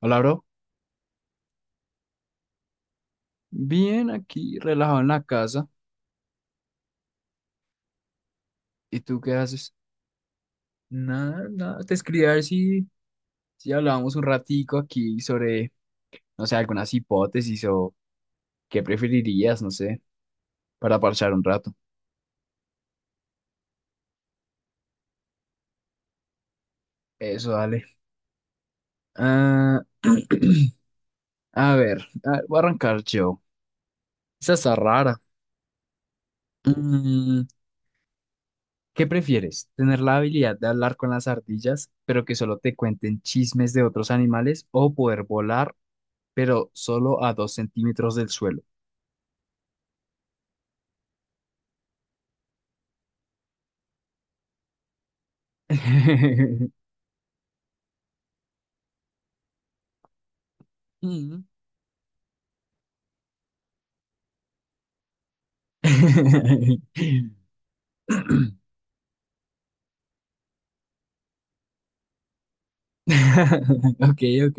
Hola, bro. Bien, aquí relajado en la casa. ¿Y tú qué haces? Nada, nada. Te escribí a ver si hablábamos un ratico aquí sobre, no sé, algunas hipótesis o qué preferirías, no sé, para parchar un rato. Eso, dale. Ah, a ver, voy a arrancar yo. Esa está rara. Mm, ¿Qué prefieres? ¿Tener la habilidad de hablar con las ardillas, pero que solo te cuenten chismes de otros animales, o poder volar, pero solo a 2 centímetros del suelo? Mm. Ok, ok.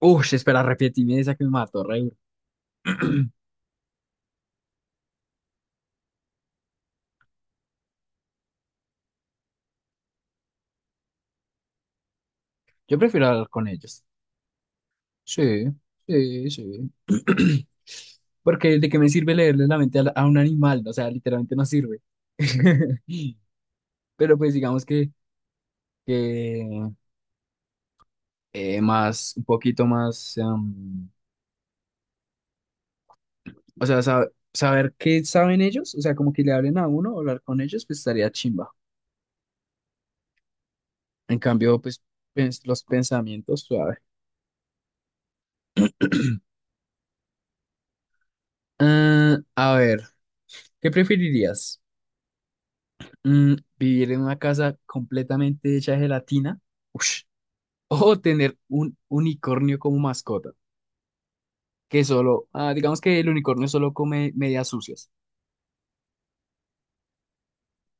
Ush, espera, repetime esa que me mató, re duro. Yo prefiero hablar con ellos. Sí, sí, sí. Porque de qué me sirve leerle la mente a, a un animal, o sea, literalmente no sirve. Pero pues digamos que, que más, un poquito más, o sea, saber qué saben ellos, o sea, como que le hablen a uno, hablar con ellos, pues estaría chimba. En cambio, pues los pensamientos suave. Ah, a ver, ¿qué preferirías? ¿Vivir en una casa completamente hecha de gelatina? Ush. ¿O tener un unicornio como mascota? Que solo, digamos que el unicornio solo come medias sucias.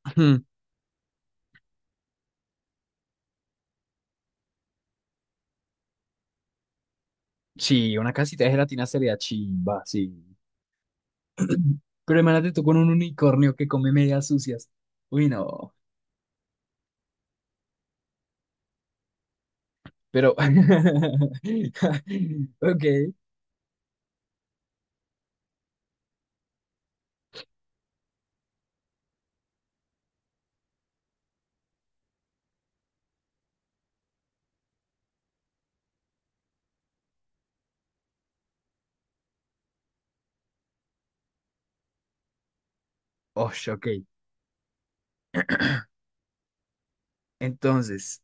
Ujú. Sí, una casita de gelatina sería chimba, sí. Pero imagínate tú con un unicornio que come medias sucias. Uy, no. Pero, ok, osh ok. Entonces.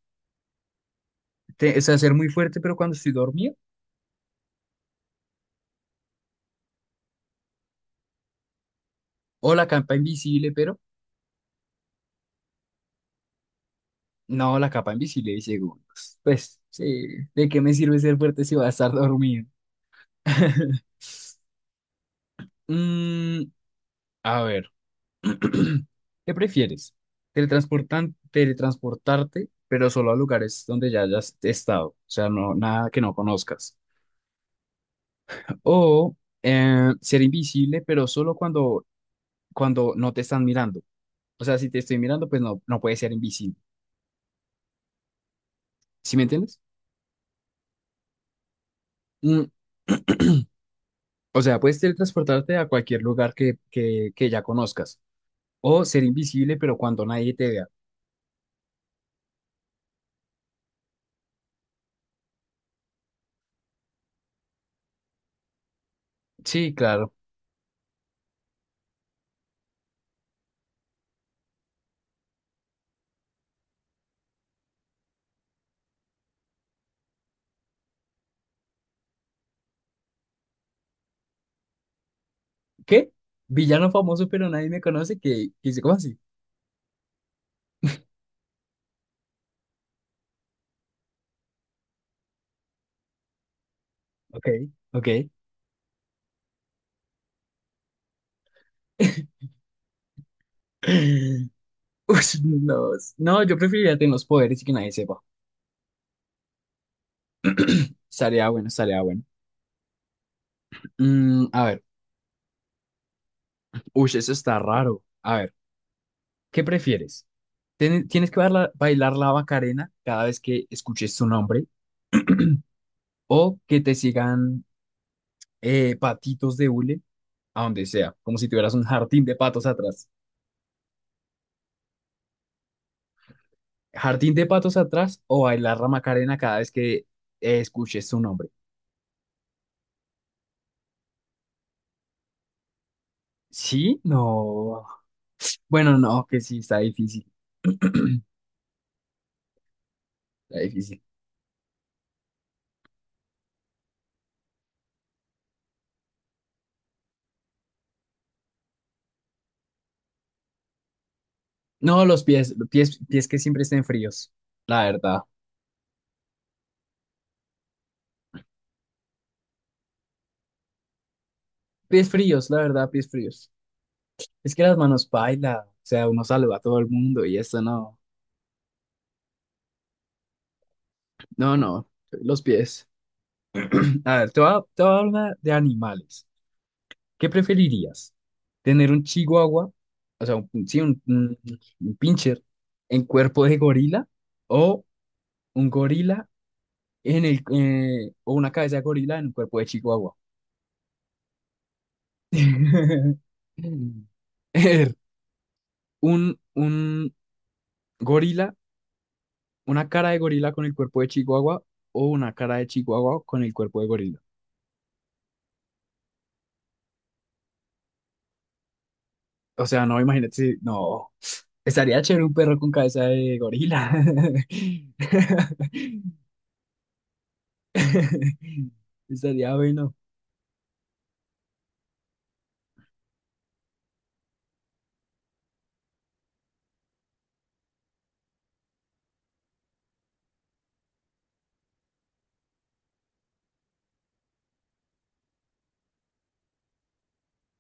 O sea, ser muy fuerte, pero cuando estoy dormido. O la capa invisible, pero no, la capa invisible de segundos. Pues, sí, ¿de qué me sirve ser fuerte si voy a estar dormido? Mm, a ver, ¿qué prefieres? Teletransportarte, pero solo a lugares donde ya hayas estado, o sea, no, nada que no conozcas. O ser invisible, pero solo cuando no te están mirando. O sea, si te estoy mirando, pues no, no puedes ser invisible. ¿Sí me entiendes? Mm, O sea, puedes teletransportarte a cualquier lugar que ya conozcas. O ser invisible, pero cuando nadie te vea. Sí, claro. ¿Qué? Villano famoso, pero nadie me conoce. ¿Qué? ¿Qué dice? ¿Cómo así? Ok, ok. Ush no, no, yo preferiría tener los poderes y que nadie sepa. Estaría bueno, estaría bueno. A ver. Uy, eso está raro. A ver, ¿qué prefieres? ¿Tienes que bailar la Macarena cada vez que escuches tu nombre? ¿O que te sigan patitos de hule? A donde sea, como si tuvieras un jardín de patos atrás. Jardín de patos atrás o bailar la Macarena cada vez que escuches su nombre. Sí, no. Bueno, no, que sí, está difícil, está difícil. No, los pies, pies que siempre estén fríos, la verdad. Pies fríos, la verdad, pies fríos. Es que las manos baila, o sea, uno saluda a todo el mundo y esto no. No, no, los pies. A ver, te voy a hablar de animales. ¿Qué preferirías? ¿Tener un chihuahua, o sea, un, sí, un pincher en cuerpo de gorila o un gorila en el, o una cabeza de gorila en un cuerpo de chihuahua? Er, un gorila, una cara de gorila con el cuerpo de chihuahua o una cara de chihuahua con el cuerpo de gorila. O sea, no, imagínate, no, estaría chévere un perro con cabeza de gorila. Estaría bueno.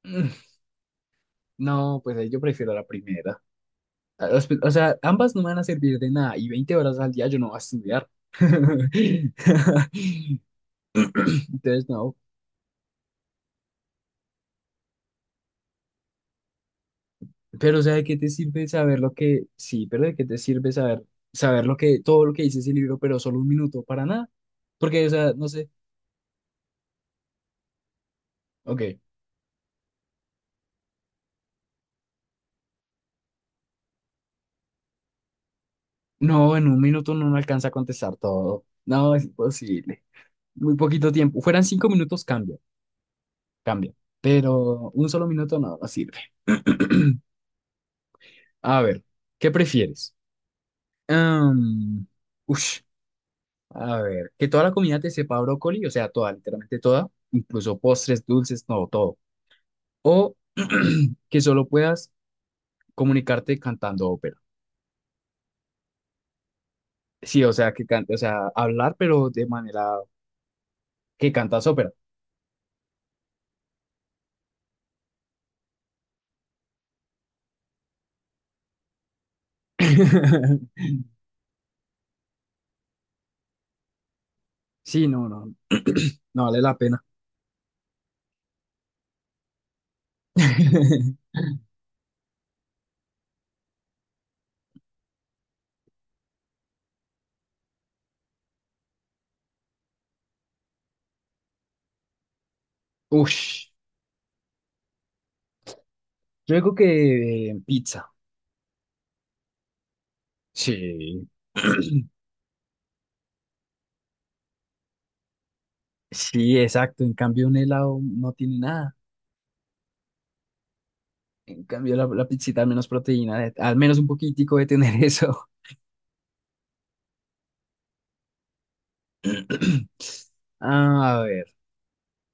Mm, No, pues ahí yo prefiero la primera. Ah, o sea, ambas no me van a servir de nada y 20 horas al día yo no voy a estudiar. Entonces, no. Pero, o sea, ¿de qué te sirve saber lo que... Sí, pero ¿de qué te sirve saber, saber todo lo que dice ese libro, pero solo un minuto para nada? Porque, o sea, no sé. Ok. No, en un minuto no me alcanza a contestar todo. No, es imposible. Muy poquito tiempo. Fueran 5 minutos, cambia. Cambia. Pero un solo minuto no, no sirve. A ver, ¿qué prefieres? Am, ush, a ver, que toda la comida te sepa a brócoli, o sea, toda, literalmente toda, incluso postres, dulces, no, todo. O que solo puedas comunicarte cantando ópera. Sí, o sea, que o sea, hablar, pero de manera que cantas ópera. Sí, no, no, no vale la pena. Ush, yo digo que pizza. Sí. Sí, exacto. En cambio, un helado no tiene nada. En cambio, la pizzita al menos proteína, al menos un poquitico de tener eso. A ver,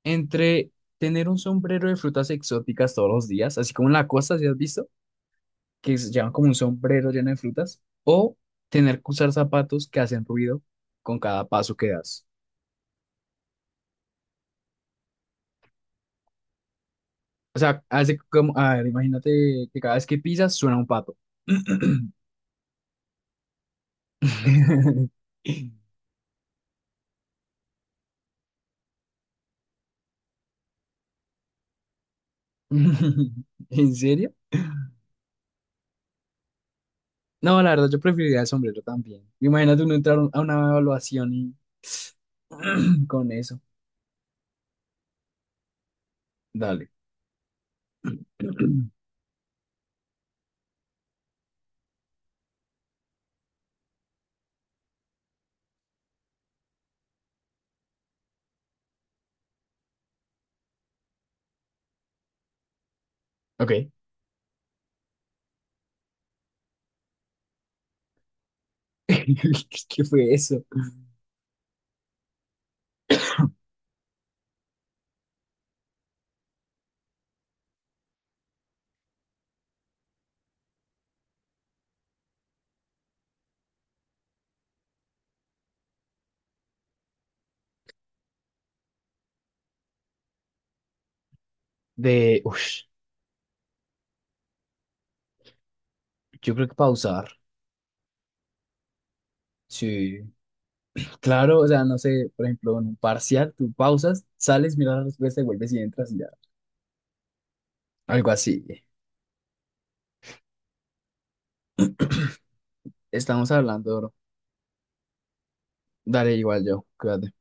entre tener un sombrero de frutas exóticas todos los días, así como en la costa, ¿si has visto? Que se llevan como un sombrero lleno de frutas, o tener que usar zapatos que hacen ruido con cada paso que das. O sea, hace como, a ver, imagínate que cada vez que pisas suena un pato. ¿En serio? No, la verdad, yo preferiría el sombrero también. Imagínate uno entrar a una evaluación y con eso. Dale. Ok. ¿Qué fue eso? De, uff, yo creo que pausar. Sí. Claro, o sea, no sé, por ejemplo, en un parcial, tú pausas, sales, miras la respuesta y vuelves y entras y ya. Algo así. Estamos hablando, bro. Dale igual yo. Cuídate.